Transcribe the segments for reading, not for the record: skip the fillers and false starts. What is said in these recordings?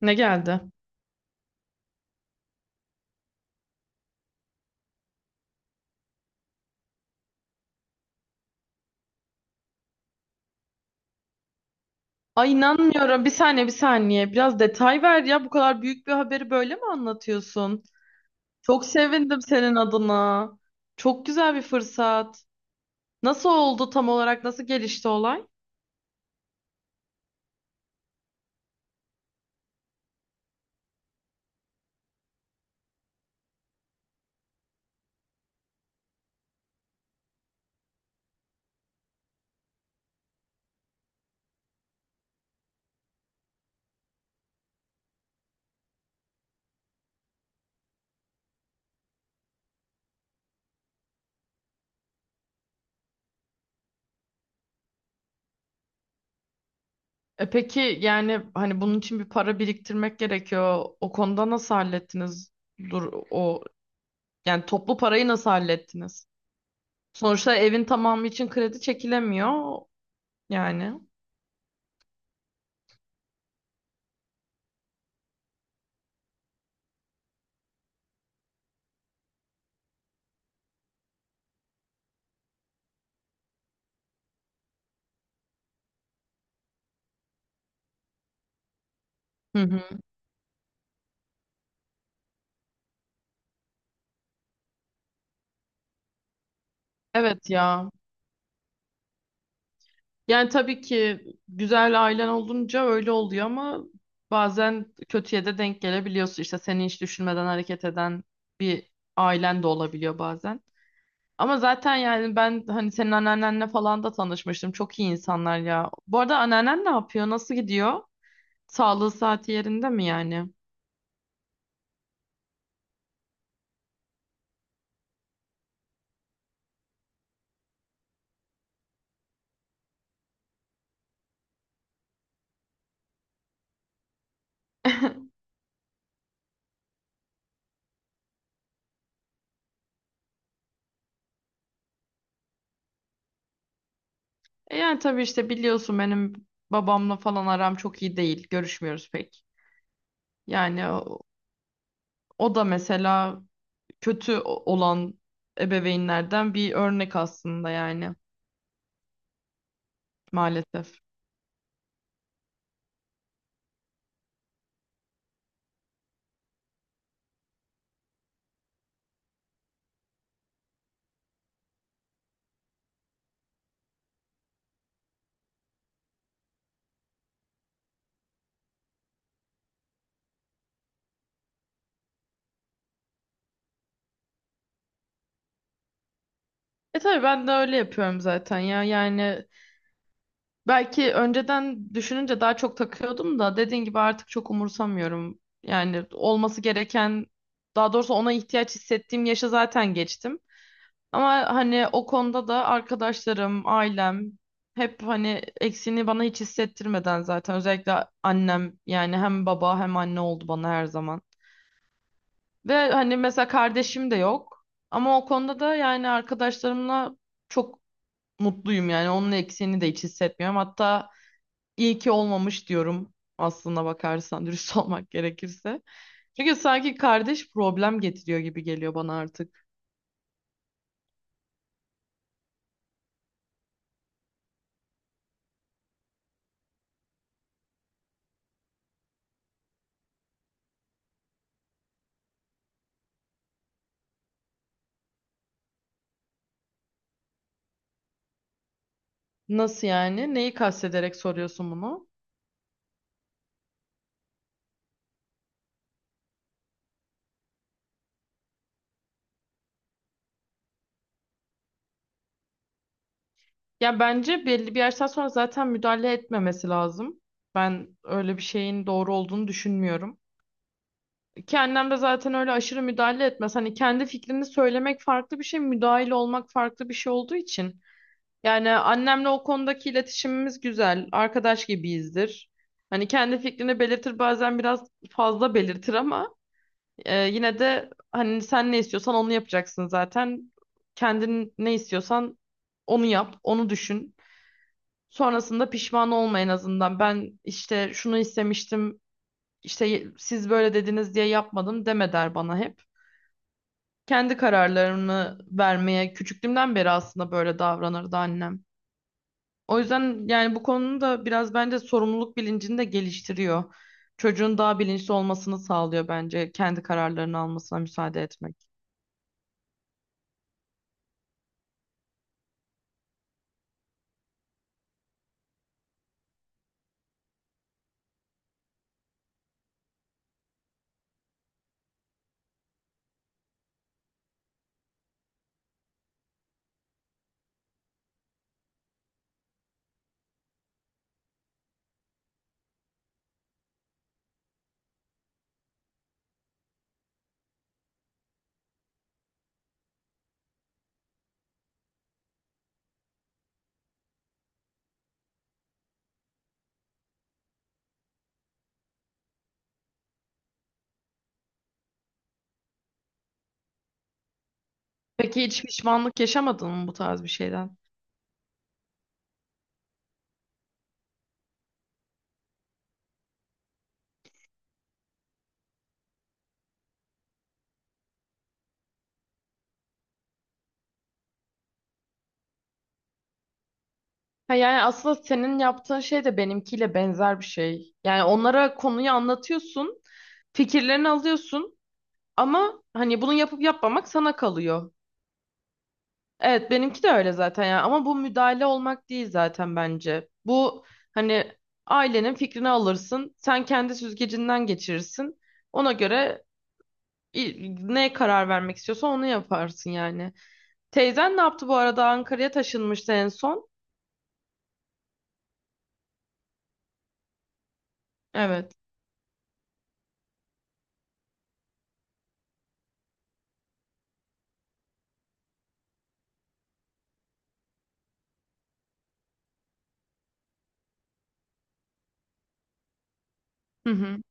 Ne geldi? Ay inanmıyorum. Bir saniye, bir saniye. Biraz detay ver ya. Bu kadar büyük bir haberi böyle mi anlatıyorsun? Çok sevindim senin adına. Çok güzel bir fırsat. Nasıl oldu tam olarak? Nasıl gelişti olay? E peki yani hani bunun için bir para biriktirmek gerekiyor. O konuda nasıl hallettiniz? Dur o yani toplu parayı nasıl hallettiniz? Sonuçta evin tamamı için kredi çekilemiyor yani. Hı hı. Evet ya. Yani tabii ki güzel ailen olunca öyle oluyor ama bazen kötüye de denk gelebiliyorsun. İşte seni hiç düşünmeden hareket eden bir ailen de olabiliyor bazen. Ama zaten yani ben hani senin anneannenle falan da tanışmıştım. Çok iyi insanlar ya. Bu arada anneannen ne yapıyor? Nasıl gidiyor? Sağlığı saati yerinde mi yani? E yani tabii işte biliyorsun benim babamla falan aram çok iyi değil. Görüşmüyoruz pek. Yani o, o da mesela olan ebeveynlerden bir örnek aslında yani maalesef. E tabii ben de öyle yapıyorum zaten ya. Yani belki önceden düşününce daha çok takıyordum da dediğin gibi artık çok umursamıyorum. Yani olması gereken daha doğrusu ona ihtiyaç hissettiğim yaşa zaten geçtim. Ama hani o konuda da arkadaşlarım, ailem hep hani eksiğini bana hiç hissettirmeden zaten özellikle annem yani hem baba hem anne oldu bana her zaman. Ve hani mesela kardeşim de yok ama o konuda da yani arkadaşlarımla çok mutluyum yani onun eksiğini de hiç hissetmiyorum. Hatta iyi ki olmamış diyorum aslına bakarsan dürüst olmak gerekirse. Çünkü sanki kardeş problem getiriyor gibi geliyor bana artık. Nasıl yani? Neyi kastederek soruyorsun bunu? Ya bence belli bir yaştan sonra zaten müdahale etmemesi lazım. Ben öyle bir şeyin doğru olduğunu düşünmüyorum. Ki annem de zaten öyle aşırı müdahale etmez. Hani kendi fikrini söylemek farklı bir şey, müdahil olmak farklı bir şey olduğu için. Yani annemle o konudaki iletişimimiz güzel, arkadaş gibiyizdir. Hani kendi fikrini belirtir bazen biraz fazla belirtir ama yine de hani sen ne istiyorsan onu yapacaksın zaten. Kendin ne istiyorsan onu yap, onu düşün. Sonrasında pişman olma en azından. Ben işte şunu istemiştim, işte siz böyle dediniz diye yapmadım deme der bana hep. Kendi kararlarını vermeye küçüklüğümden beri aslında böyle davranırdı annem. O yüzden yani bu konunun da biraz bence sorumluluk bilincini de geliştiriyor. Çocuğun daha bilinçli olmasını sağlıyor bence kendi kararlarını almasına müsaade etmek. Peki hiç pişmanlık yaşamadın mı bu tarz bir şeyden? Ha yani aslında senin yaptığın şey de benimkiyle benzer bir şey. Yani onlara konuyu anlatıyorsun, fikirlerini alıyorsun ama hani bunu yapıp yapmamak sana kalıyor. Evet benimki de öyle zaten ya ama bu müdahale olmak değil zaten bence. Bu hani ailenin fikrini alırsın, sen kendi süzgecinden geçirirsin. Ona göre ne karar vermek istiyorsan onu yaparsın yani. Teyzen ne yaptı bu arada? Ankara'ya taşınmıştı en son. Evet. Hı hı.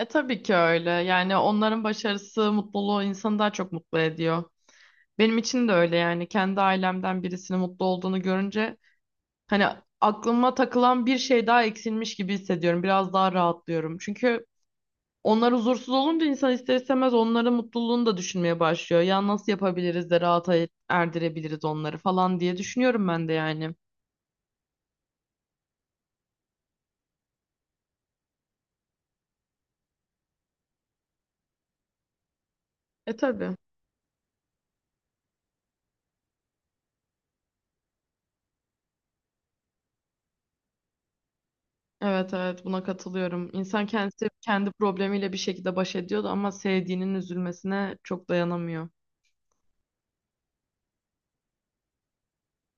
E tabii ki öyle. Yani onların başarısı, mutluluğu insanı daha çok mutlu ediyor. Benim için de öyle yani. Kendi ailemden birisinin mutlu olduğunu görünce hani aklıma takılan bir şey daha eksilmiş gibi hissediyorum. Biraz daha rahatlıyorum. Çünkü onlar huzursuz olunca insan ister istemez onların mutluluğunu da düşünmeye başlıyor. Ya nasıl yapabiliriz de rahata erdirebiliriz onları falan diye düşünüyorum ben de yani. E tabii. Evet evet buna katılıyorum. İnsan kendisi kendi problemiyle bir şekilde baş ediyordu ama sevdiğinin üzülmesine çok dayanamıyor.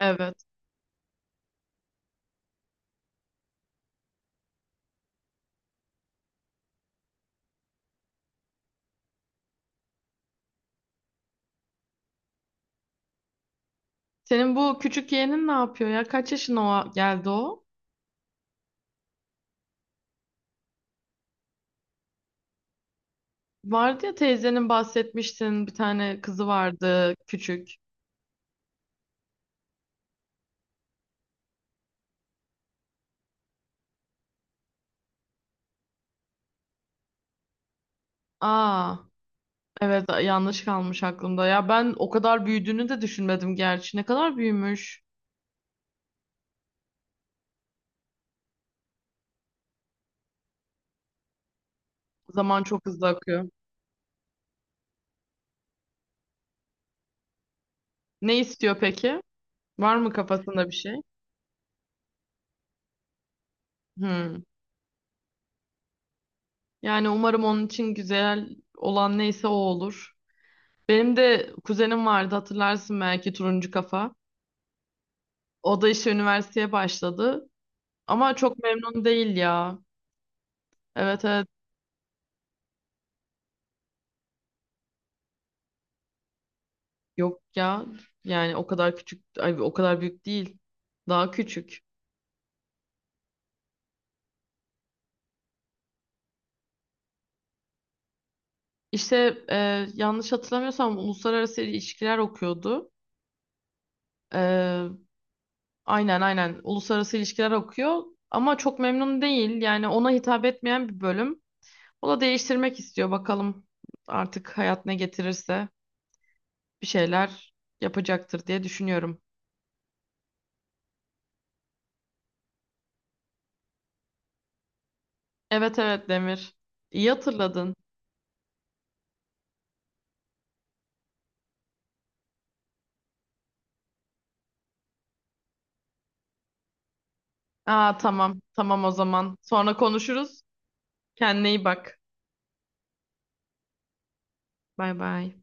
Evet. Senin bu küçük yeğenin ne yapıyor ya? Kaç yaşına o geldi o? Vardı ya teyzenin bahsetmiştin bir tane kızı vardı küçük. Aa evet yanlış kalmış aklımda. Ya ben o kadar büyüdüğünü de düşünmedim gerçi. Ne kadar büyümüş. Zaman çok hızlı akıyor. Ne istiyor peki? Var mı kafasında bir şey? Hmm. Yani umarım onun için güzel olan neyse o olur. Benim de kuzenim vardı hatırlarsın belki turuncu kafa. O da işte üniversiteye başladı. Ama çok memnun değil ya. Evet evet yok ya. Yani o kadar küçük, ay, o kadar büyük değil. Daha küçük. İşte yanlış hatırlamıyorsam uluslararası ilişkiler okuyordu. E, aynen aynen uluslararası ilişkiler okuyor. Ama çok memnun değil. Yani ona hitap etmeyen bir bölüm. O da değiştirmek istiyor. Bakalım artık hayat ne getirirse bir şeyler yapacaktır diye düşünüyorum. Evet evet Demir. İyi hatırladın. Aa tamam. Tamam o zaman. Sonra konuşuruz. Kendine iyi bak. Bay bay.